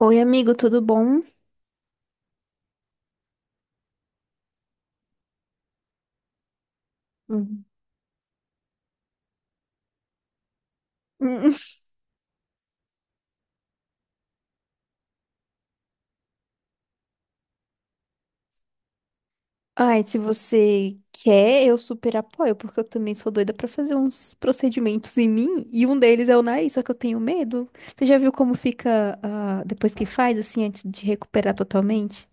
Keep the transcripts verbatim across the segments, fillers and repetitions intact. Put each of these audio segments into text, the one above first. Oi, amigo, tudo bom? Hum. Hum. Ai, se você quer, eu super apoio, porque eu também sou doida pra fazer uns procedimentos em mim, e um deles é o nariz, só que eu tenho medo. Você já viu como fica, ah, depois que faz, assim, antes de recuperar totalmente?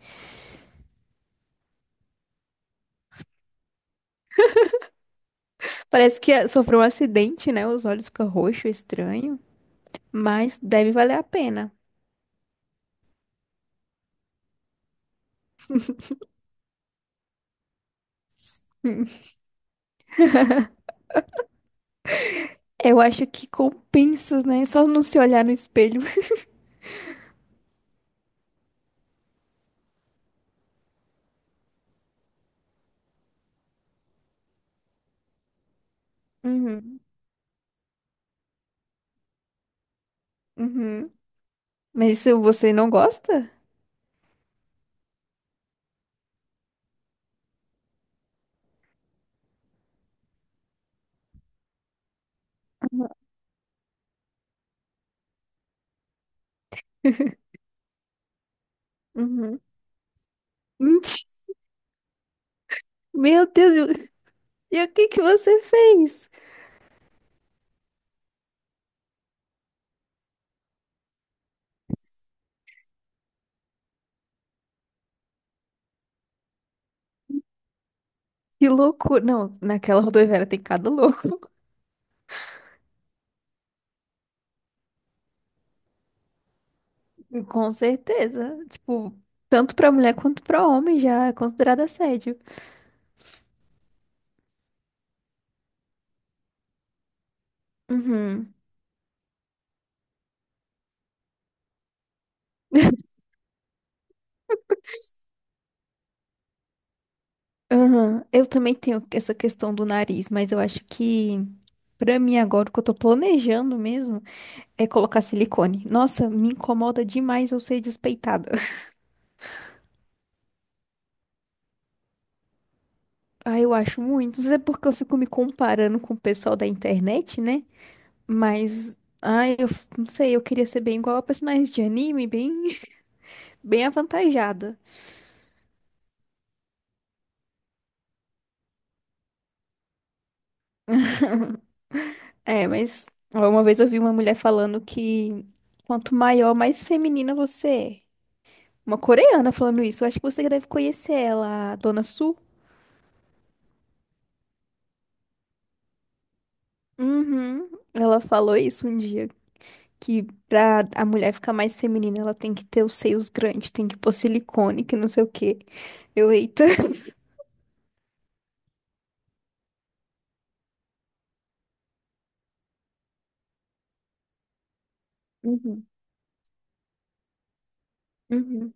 Parece que ah, sofreu um acidente, né? Os olhos ficam roxos, estranho, mas deve valer a pena. Eu acho que compensa, né? Só não se olhar no espelho. Uhum, uhum. Mas isso você não gosta? Uhum. Mentira! Meu Deus, eu- e o que que você fez? Que loucura. Não, naquela rodoviária tem cada louco. Com certeza. Tipo, tanto pra mulher quanto pra homem já é considerado assédio. Uhum. Aham. Eu também tenho essa questão do nariz, mas eu acho que pra mim agora o que eu tô planejando mesmo é colocar silicone. Nossa, me incomoda demais eu ser despeitada. Ah, eu acho muito. Isso é porque eu fico me comparando com o pessoal da internet, né? Mas, ai, eu f- não sei, eu queria ser bem igual a personagem de anime, bem, bem avantajada. É, mas ó, uma vez eu vi uma mulher falando que quanto maior, mais feminina você é. Uma coreana falando isso, eu acho que você deve conhecer ela, a Dona Su. Uhum, ela falou isso um dia, que pra a mulher ficar mais feminina, ela tem que ter os seios grandes, tem que pôr silicone, que não sei o quê. Eu, eita. Uhum, uhum,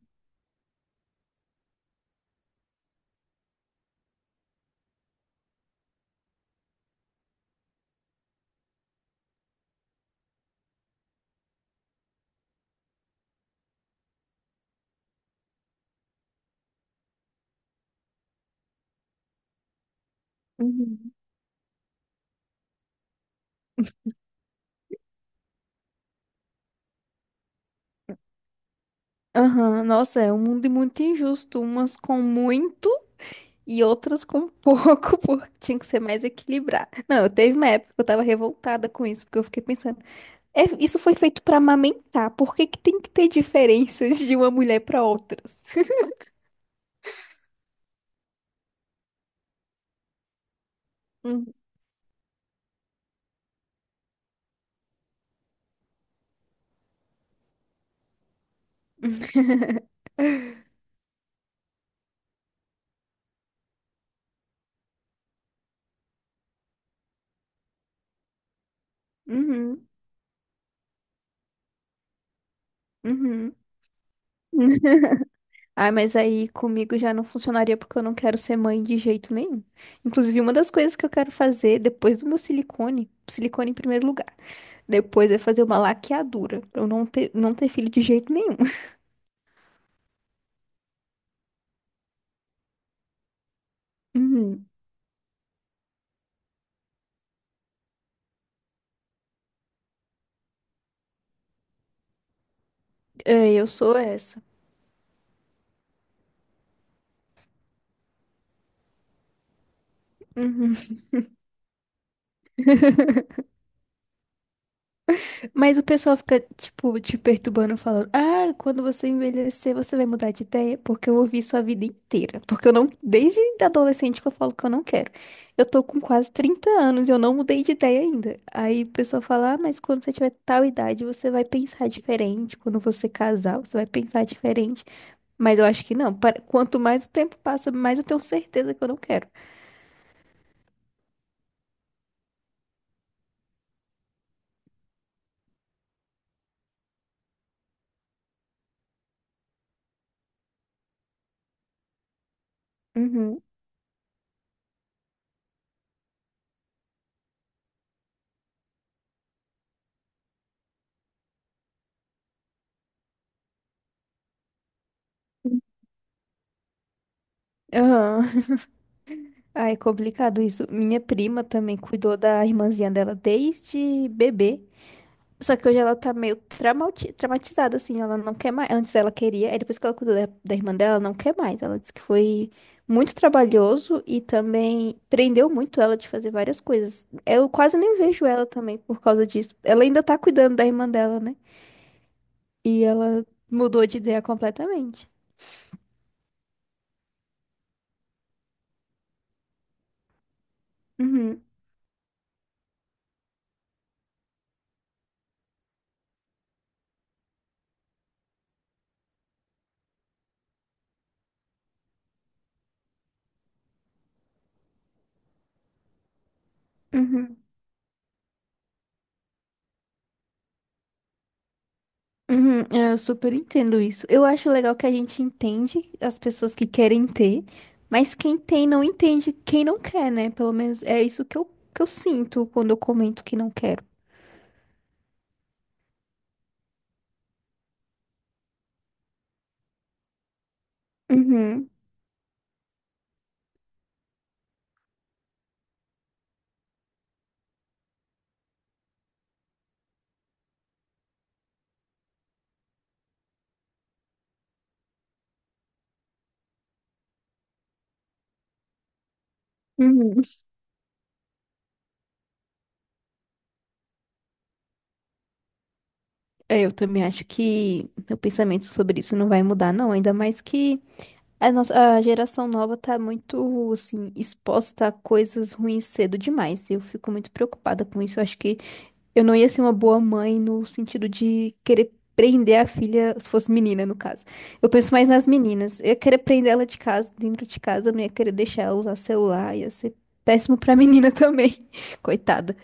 uhum. Aham, nossa, é um mundo muito injusto, umas com muito e outras com pouco, porque tinha que ser mais equilibrado. Não, eu teve uma época que eu tava revoltada com isso, porque eu fiquei pensando, é, isso foi feito pra amamentar, por que que tem que ter diferenças de uma mulher pra outras? Uhum, uhum, uhum. Ah, mas aí comigo já não funcionaria porque eu não quero ser mãe de jeito nenhum. Inclusive, uma das coisas que eu quero fazer depois do meu silicone, silicone em primeiro lugar. Depois é fazer uma laqueadura, pra eu não ter, não ter filho de jeito nenhum. Uhum. É, eu sou essa. Uhum. Mas o pessoal fica, tipo, te perturbando, falando: Ah, quando você envelhecer, você vai mudar de ideia? Porque eu ouvi sua vida inteira. Porque eu não, desde adolescente que eu falo que eu não quero. Eu tô com quase trinta anos e eu não mudei de ideia ainda. Aí o pessoal fala: Ah, mas quando você tiver tal idade, você vai pensar diferente. Quando você casar, você vai pensar diferente. Mas eu acho que não. Pa- Quanto mais o tempo passa, mais eu tenho certeza que eu não quero. Uhum. Aham. Ai, complicado isso. Minha prima também cuidou da irmãzinha dela desde bebê. Só que hoje ela tá meio traumati- traumatizada, assim. Ela não quer mais. Antes ela queria, aí depois que ela cuidou da, da irmã dela, ela não quer mais. Ela disse que foi muito trabalhoso e também prendeu muito ela de fazer várias coisas. Eu quase nem vejo ela também por causa disso. Ela ainda tá cuidando da irmã dela, né? E ela mudou de ideia completamente. Uhum, uhum, uhum. Eu super entendo isso. Eu acho legal que a gente entende as pessoas que querem ter, mas quem tem não entende quem não quer, né? Pelo menos é isso que eu, que eu sinto quando eu comento que não quero. Uhum, uhum. É, eu também acho que meu pensamento sobre isso não vai mudar, não. Ainda mais que a nossa, a geração nova tá muito, assim, exposta a coisas ruins cedo demais. Eu fico muito preocupada com isso. Eu acho que eu não ia ser uma boa mãe no sentido de querer prender a filha, se fosse menina, no caso. Eu penso mais nas meninas. Eu ia querer prender ela de casa, dentro de casa, eu não ia querer deixar ela usar celular, ia ser péssimo pra menina também. Coitada.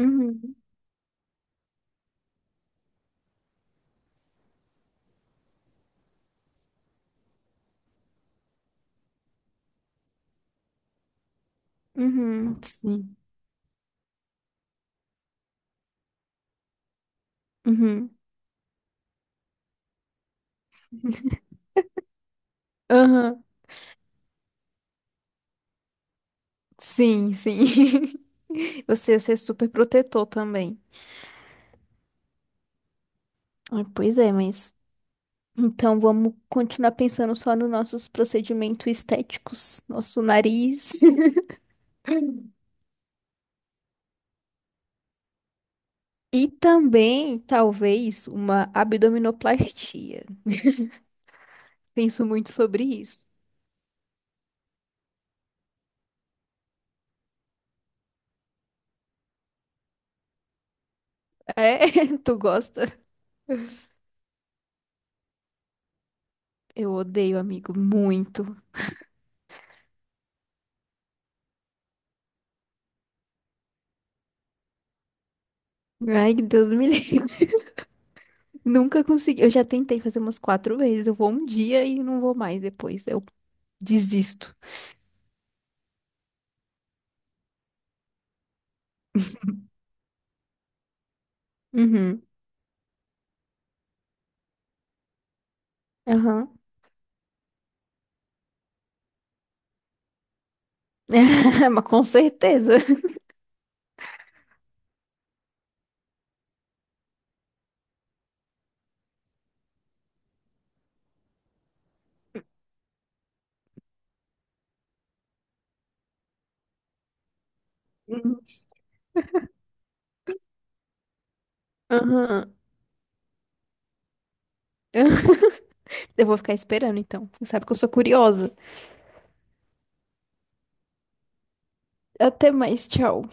Uhum, uhum, sim. Uhum, aham, sim, sim. Você ia ser super protetor também. Ah, pois é, mas. Então vamos continuar pensando só nos nossos procedimentos estéticos, nosso nariz. E também, talvez, uma abdominoplastia. Penso muito sobre isso. É, tu gosta? Eu odeio, amigo, muito. Ai, Deus me livre. Nunca consegui. Eu já tentei fazer umas quatro vezes. Eu vou um dia e não vou mais depois. Eu desisto. Uhum. Aham. Mas com certeza. Uhum. Aham. Eu vou ficar esperando, então. Sabe que eu sou curiosa. Até mais, tchau.